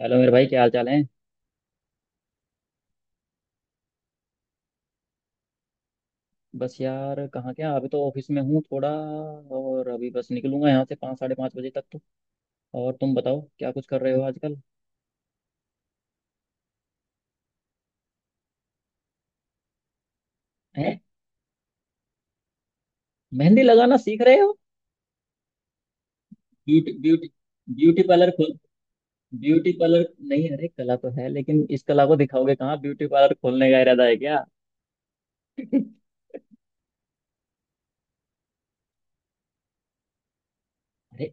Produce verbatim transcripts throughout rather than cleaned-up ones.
Hello मेरे भाई, क्या हाल चाल है? बस यार, कहाँ क्या, अभी तो ऑफिस में हूँ थोड़ा। और अभी बस निकलूंगा यहाँ से पाँच साढ़े पाँच बजे तक तो। और तुम बताओ, क्या कुछ कर रहे हो आजकल? हैं? मेहंदी लगाना सीख रहे हो? ब्यूटी ब्यूटी ब्यूटी पार्लर खोल। ब्यूटी पार्लर नहीं, अरे कला तो है लेकिन इस कला को दिखाओगे कहाँ? ब्यूटी पार्लर खोलने का इरादा है क्या? अरे,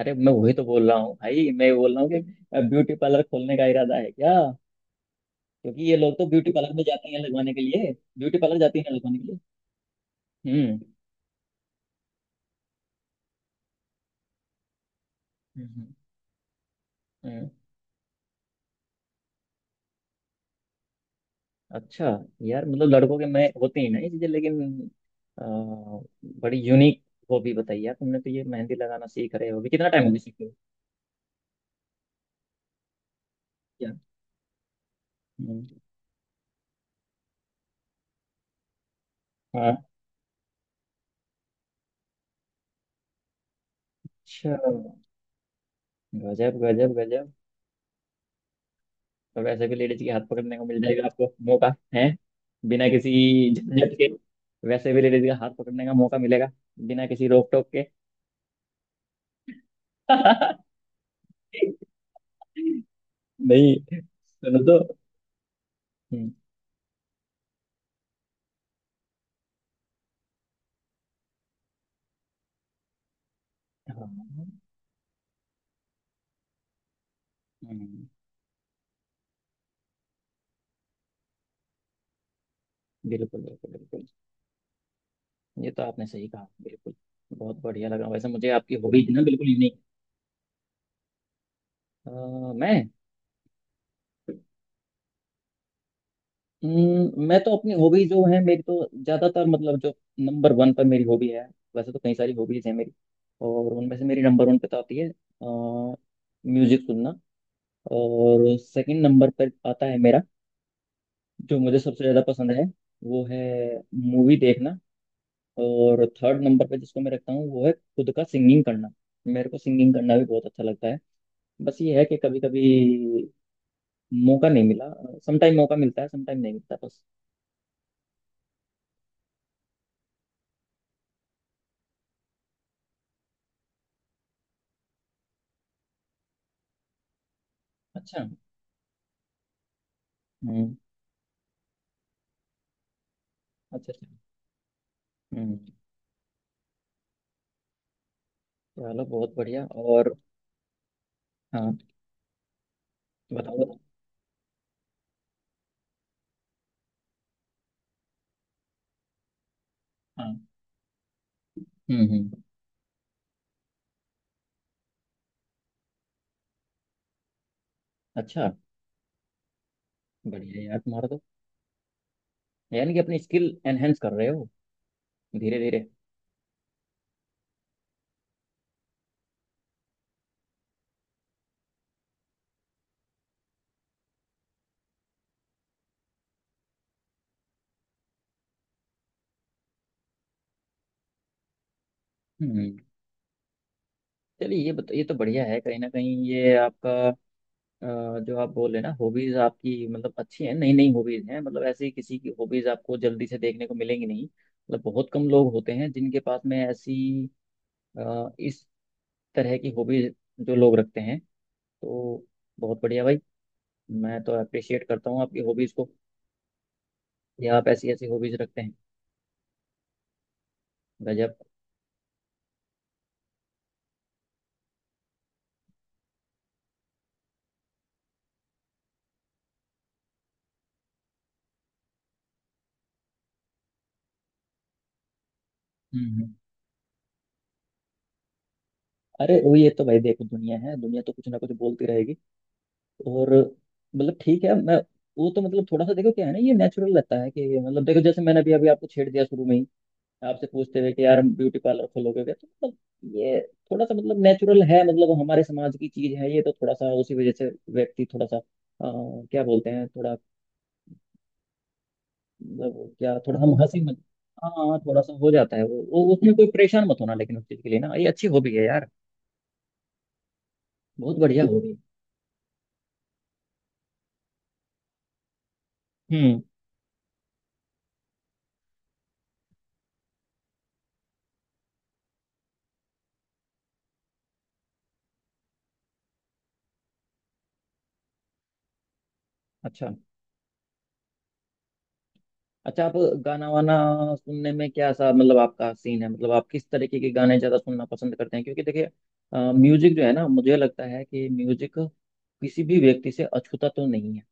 अरे मैं वही तो बोल रहा हूँ भाई, मैं बोल रहा हूँ कि ब्यूटी पार्लर खोलने का इरादा है क्या? क्योंकि ये लोग तो ब्यूटी पार्लर में जाते हैं लगवाने के लिए। ब्यूटी पार्लर जाती हैं लगवाने के लिए। हम्म, हम्म, हम्म। अच्छा। यार मतलब लड़कों के में होती ही ना ये चीजें, लेकिन अ, बड़ी यूनिक हॉबी बताई यार तुमने, तो ये मेहंदी लगाना सीख रहे हो, अभी कितना टाइम हो गया सीखे हुए? क्या? हम्म। अच्छा। गजब, गजब, गजब। तो वैसे भी लेडीज के हाथ पकड़ने को मिल जाएगा, आपको मौका है। बिना किसी झंझट के। वैसे भी लेडीज का हाथ पकड़ने का मौका मिलेगा। बिना किसी रोक टोक के। नहीं, सुनो तो। हम्म। हाँ। हम्म। बिल्कुल, बिल्कुल, बिल्कुल। ये तो आपने सही कहा, बिल्कुल। बहुत बढ़िया लगा वैसे मुझे आपकी हॉबीज, ना बिल्कुल यूनिक। मैं। हम्म, मैं तो अपनी हॉबी जो है, मेरी तो ज्यादातर मतलब जो नंबर वन पर मेरी हॉबी है। वैसे तो कई सारी हॉबीज हैं मेरी। और उनमें से मेरी नंबर वन पे तो आती है म्यूजिक सुनना। और सेकंड नंबर पर आता है मेरा, जो मुझे सबसे ज्यादा पसंद है, वो है मूवी देखना। और थर्ड नंबर पे जिसको मैं रखता हूँ, वो है खुद का सिंगिंग करना। मेरे को सिंगिंग करना भी बहुत अच्छा लगता है। बस ये है कि कभी कभी मौका नहीं मिला। समटाइम मौका मिलता है, समटाइम नहीं मिलता, बस। अच्छा। हम्म। अच्छा, अच्छा। हम्म। चलो, बहुत बढ़िया। और। हाँ। बताओ, बताओ। हाँ। हम्म, हम्म। अच्छा। बढ़िया यार तुम्हारा तो। यानी कि अपनी स्किल एनहेंस कर रहे हो धीरे धीरे। हम्म। चलिए ये बता, ये तो बढ़िया है, कहीं ना कहीं ये आपका अ, जो आप बोल रहे हैं ना हॉबीज आपकी, मतलब अच्छी हैं, नई नई हॉबीज हैं, मतलब ऐसी किसी की हॉबीज आपको जल्दी से देखने को मिलेंगी नहीं, मतलब बहुत कम लोग होते हैं जिनके पास में ऐसी अ, इस तरह की हॉबीज जो लोग रखते हैं, तो बहुत बढ़िया भाई। मैं तो अप्रिशिएट करता हूँ आपकी हॉबीज को, कि आप ऐसी ऐसी हॉबीज रखते हैं। गजब। हम्म, हम्म। अरे वो, ये तो भाई देखो, दुनिया है, दुनिया तो कुछ ना कुछ बोलती रहेगी। और मतलब ठीक है, मैं वो तो, मतलब थोड़ा सा देखो, क्या है ना, ये नेचुरल लगता है कि, मतलब देखो, जैसे मैंने अभी अभी आपको छेड़ दिया शुरू में ही, आपसे पूछते हुए कि यार, हम ब्यूटी पार्लर खोलोगे क्या, तो मतलब ये थोड़ा सा मतलब नेचुरल है, मतलब हमारे समाज की चीज है ये, तो थोड़ा सा उसी वजह से व्यक्ति थोड़ा सा अ, क्या बोलते हैं, थोड़ा मतलब क्या, थोड़ा हम हंसी मत। हाँ, हाँ, थोड़ा सा हो जाता है, वो वो उसमें कोई परेशान मत होना, लेकिन उस चीज के लिए ना ये अच्छी हॉबी है यार। बहुत बढ़िया हॉबी है। हम्म। अच्छा, अच्छा। आप गाना वाना सुनने में क्या सा, मतलब आपका सीन है, मतलब आप किस तरीके के गाने ज़्यादा सुनना पसंद करते हैं? क्योंकि देखिए, म्यूजिक जो है ना, मुझे लगता है कि म्यूजिक किसी भी व्यक्ति से अछूता तो नहीं है।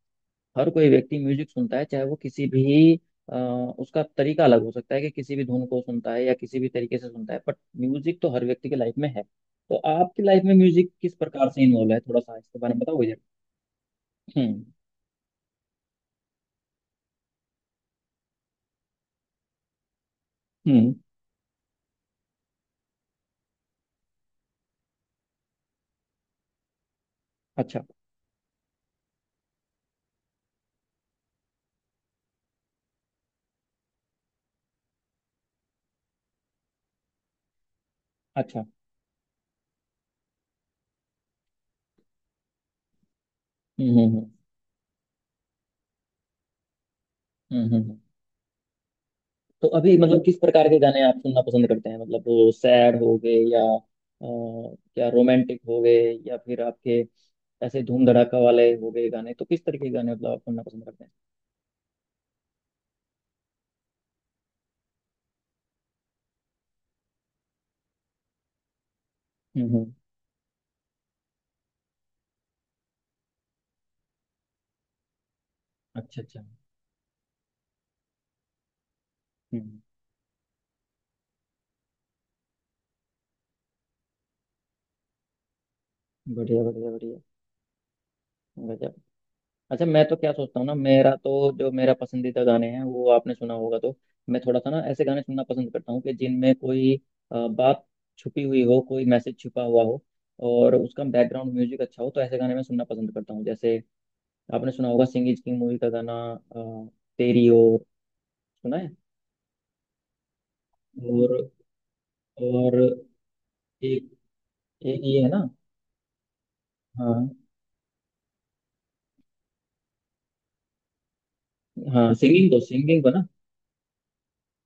हर कोई व्यक्ति म्यूजिक सुनता है, चाहे वो किसी भी अ, उसका तरीका अलग हो सकता है, कि किसी भी धुन को सुनता है या किसी भी तरीके से सुनता है, बट म्यूजिक तो हर व्यक्ति की लाइफ में है, तो आपकी लाइफ में म्यूजिक किस प्रकार से इन्वॉल्व है, थोड़ा सा इसके बारे में बताओ मुझे। हम्म, हम्म, अच्छा, अच्छा, हम्म, हम्म, हम्म, हम्म, हम्म। तो अभी मतलब किस प्रकार के गाने आप सुनना पसंद करते हैं, मतलब वो सैड हो गए, या अ, क्या रोमांटिक हो गए, या फिर आपके ऐसे धूम धड़ाका वाले हो गए गाने? तो किस तरीके के गाने मतलब आप सुनना पसंद करते हैं? हम्म, हम्म, अच्छा, अच्छा, हम्म, हम्म। बढ़िया, बढ़िया, बढ़िया। गजब। अच्छा, मैं तो क्या सोचता हूँ ना, मेरा तो जो मेरा पसंदीदा गाने हैं वो आपने सुना होगा, तो मैं थोड़ा सा ना ऐसे गाने सुनना पसंद करता हूँ कि जिनमें कोई अ, बात छुपी हुई हो, कोई मैसेज छुपा हुआ हो, और उसका बैकग्राउंड म्यूजिक अच्छा हो, तो ऐसे गाने मैं सुनना पसंद करता हूँ। जैसे आपने सुना होगा सिंह इज किंग मूवी का गाना, अ, तेरी ओर। सुना है? और और एक एक ये है ना। हाँ, हाँ सिंगिंग को, सिंगिंग को ना।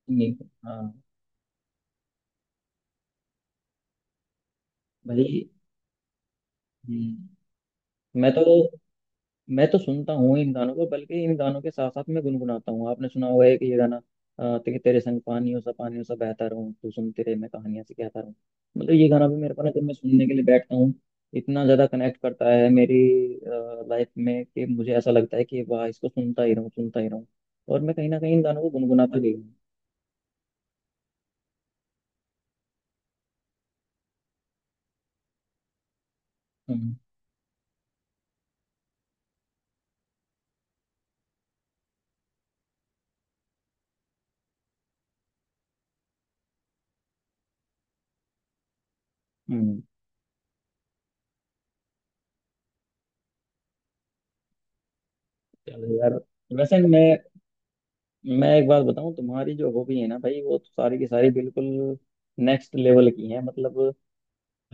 सिंगिंग को, हाँ। भाई। हम्म, मैं तो मैं तो सुनता हूँ इन गानों को, बल्कि इन गानों के साथ साथ मैं गुनगुनाता हूँ। आपने सुना होगा एक ये गाना, अ, ते, कि तेरे संग पानियों सा पानियों सा बहता रहूं, तू सुनते रहे मैं कहानियां से कहता रहूँ। मतलब ये गाना भी मेरे को ना, जब मैं सुनने के लिए बैठता हूँ, इतना ज्यादा कनेक्ट करता है मेरी लाइफ में, कि मुझे ऐसा लगता है कि वाह, इसको सुनता ही रहूँ, सुनता ही रहूँ। और मैं कहीं ना कहीं इन गानों को गुनगुनाता भी हूँ। हम्म, हम्म, चलो यार। वैसे मैं मैं एक बात बताऊँ, तुम्हारी जो हॉबी है ना भाई, वो तो सारी की सारी बिल्कुल नेक्स्ट लेवल की है, मतलब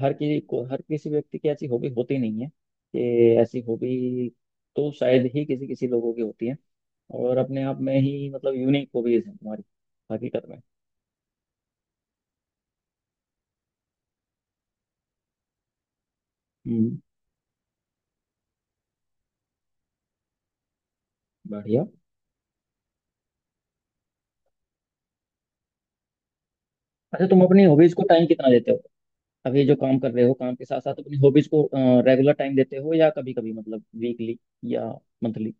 हर किसी को, हर किसी व्यक्ति की ऐसी हॉबी होती नहीं है। कि ऐसी हॉबी तो शायद ही किसी किसी लोगों की होती है। और अपने आप में ही मतलब यूनिक हॉबीज है तुम्हारी, हकीकत में। हम्म, बढ़िया। अच्छा, तुम अपनी हॉबीज को टाइम कितना देते हो? अब ये जो काम कर रहे हो, काम के साथ साथ अपनी हॉबीज को रेगुलर टाइम देते हो, या कभी कभी मतलब वीकली या मंथली?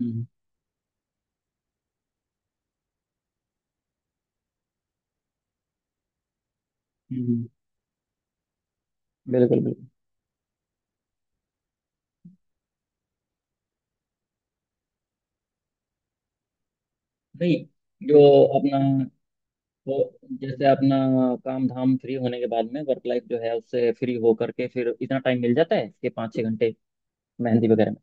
हम्म, हम्म, बिल्कुल, बिल्कुल। नहीं, जो अपना, तो जैसे अपना काम धाम फ्री होने के बाद में, वर्क लाइफ जो है उससे फ्री हो करके, फिर इतना टाइम मिल जाता है कि पाँच छः घंटे मेहंदी वगैरह में।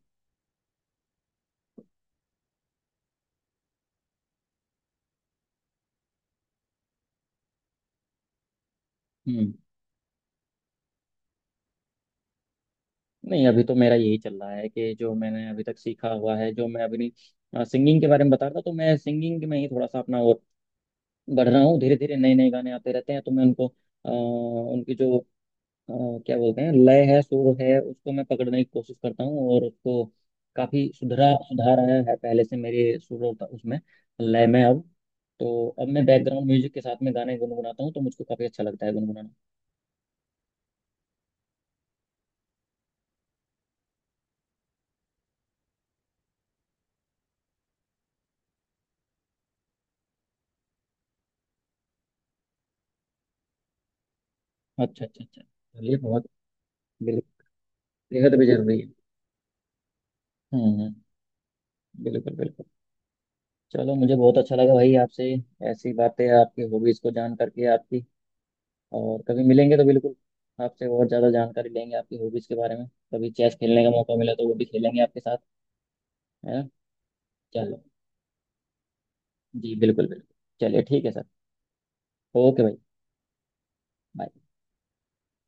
हम्म। नहीं, अभी तो मेरा यही चल रहा है कि जो मैंने अभी तक सीखा हुआ है, जो मैं अभी नहीं, सिंगिंग के बारे में बता रहा था, तो मैं सिंगिंग में ही थोड़ा सा अपना और बढ़ रहा हूँ धीरे धीरे। नए नए गाने आते रहते हैं, तो मैं उनको अ, उनकी जो अ, क्या बोलते हैं, लय है सुर है, उसको मैं पकड़ने की कोशिश करता हूँ, और उसको काफी सुधरा, सुधार आया है पहले से मेरे सुर और उसमें लय में अब। तो अब मैं बैकग्राउंड म्यूजिक के साथ में गाने गुनगुनाता हूँ, तो मुझको काफी अच्छा लगता है गुनगुनाना। अच्छा, अच्छा, अच्छा, चलिए बहुत, बिल्कुल, बेहद भी जरूरी है। हम्म, हम्म, बिल्कुल, बिल्कुल। चलो, मुझे बहुत अच्छा लगा भाई आपसे ऐसी बातें, आपकी हॉबीज को जान करके आपकी। और कभी मिलेंगे तो बिल्कुल आपसे और ज्यादा जानकारी लेंगे आपकी हॉबीज के बारे में। कभी चेस खेलने का मौका मिला तो वो भी खेलेंगे आपके साथ, है ना? चलो, जी बिल्कुल, बिल्कुल। चलिए ठीक है सर, ओके भाई। bye।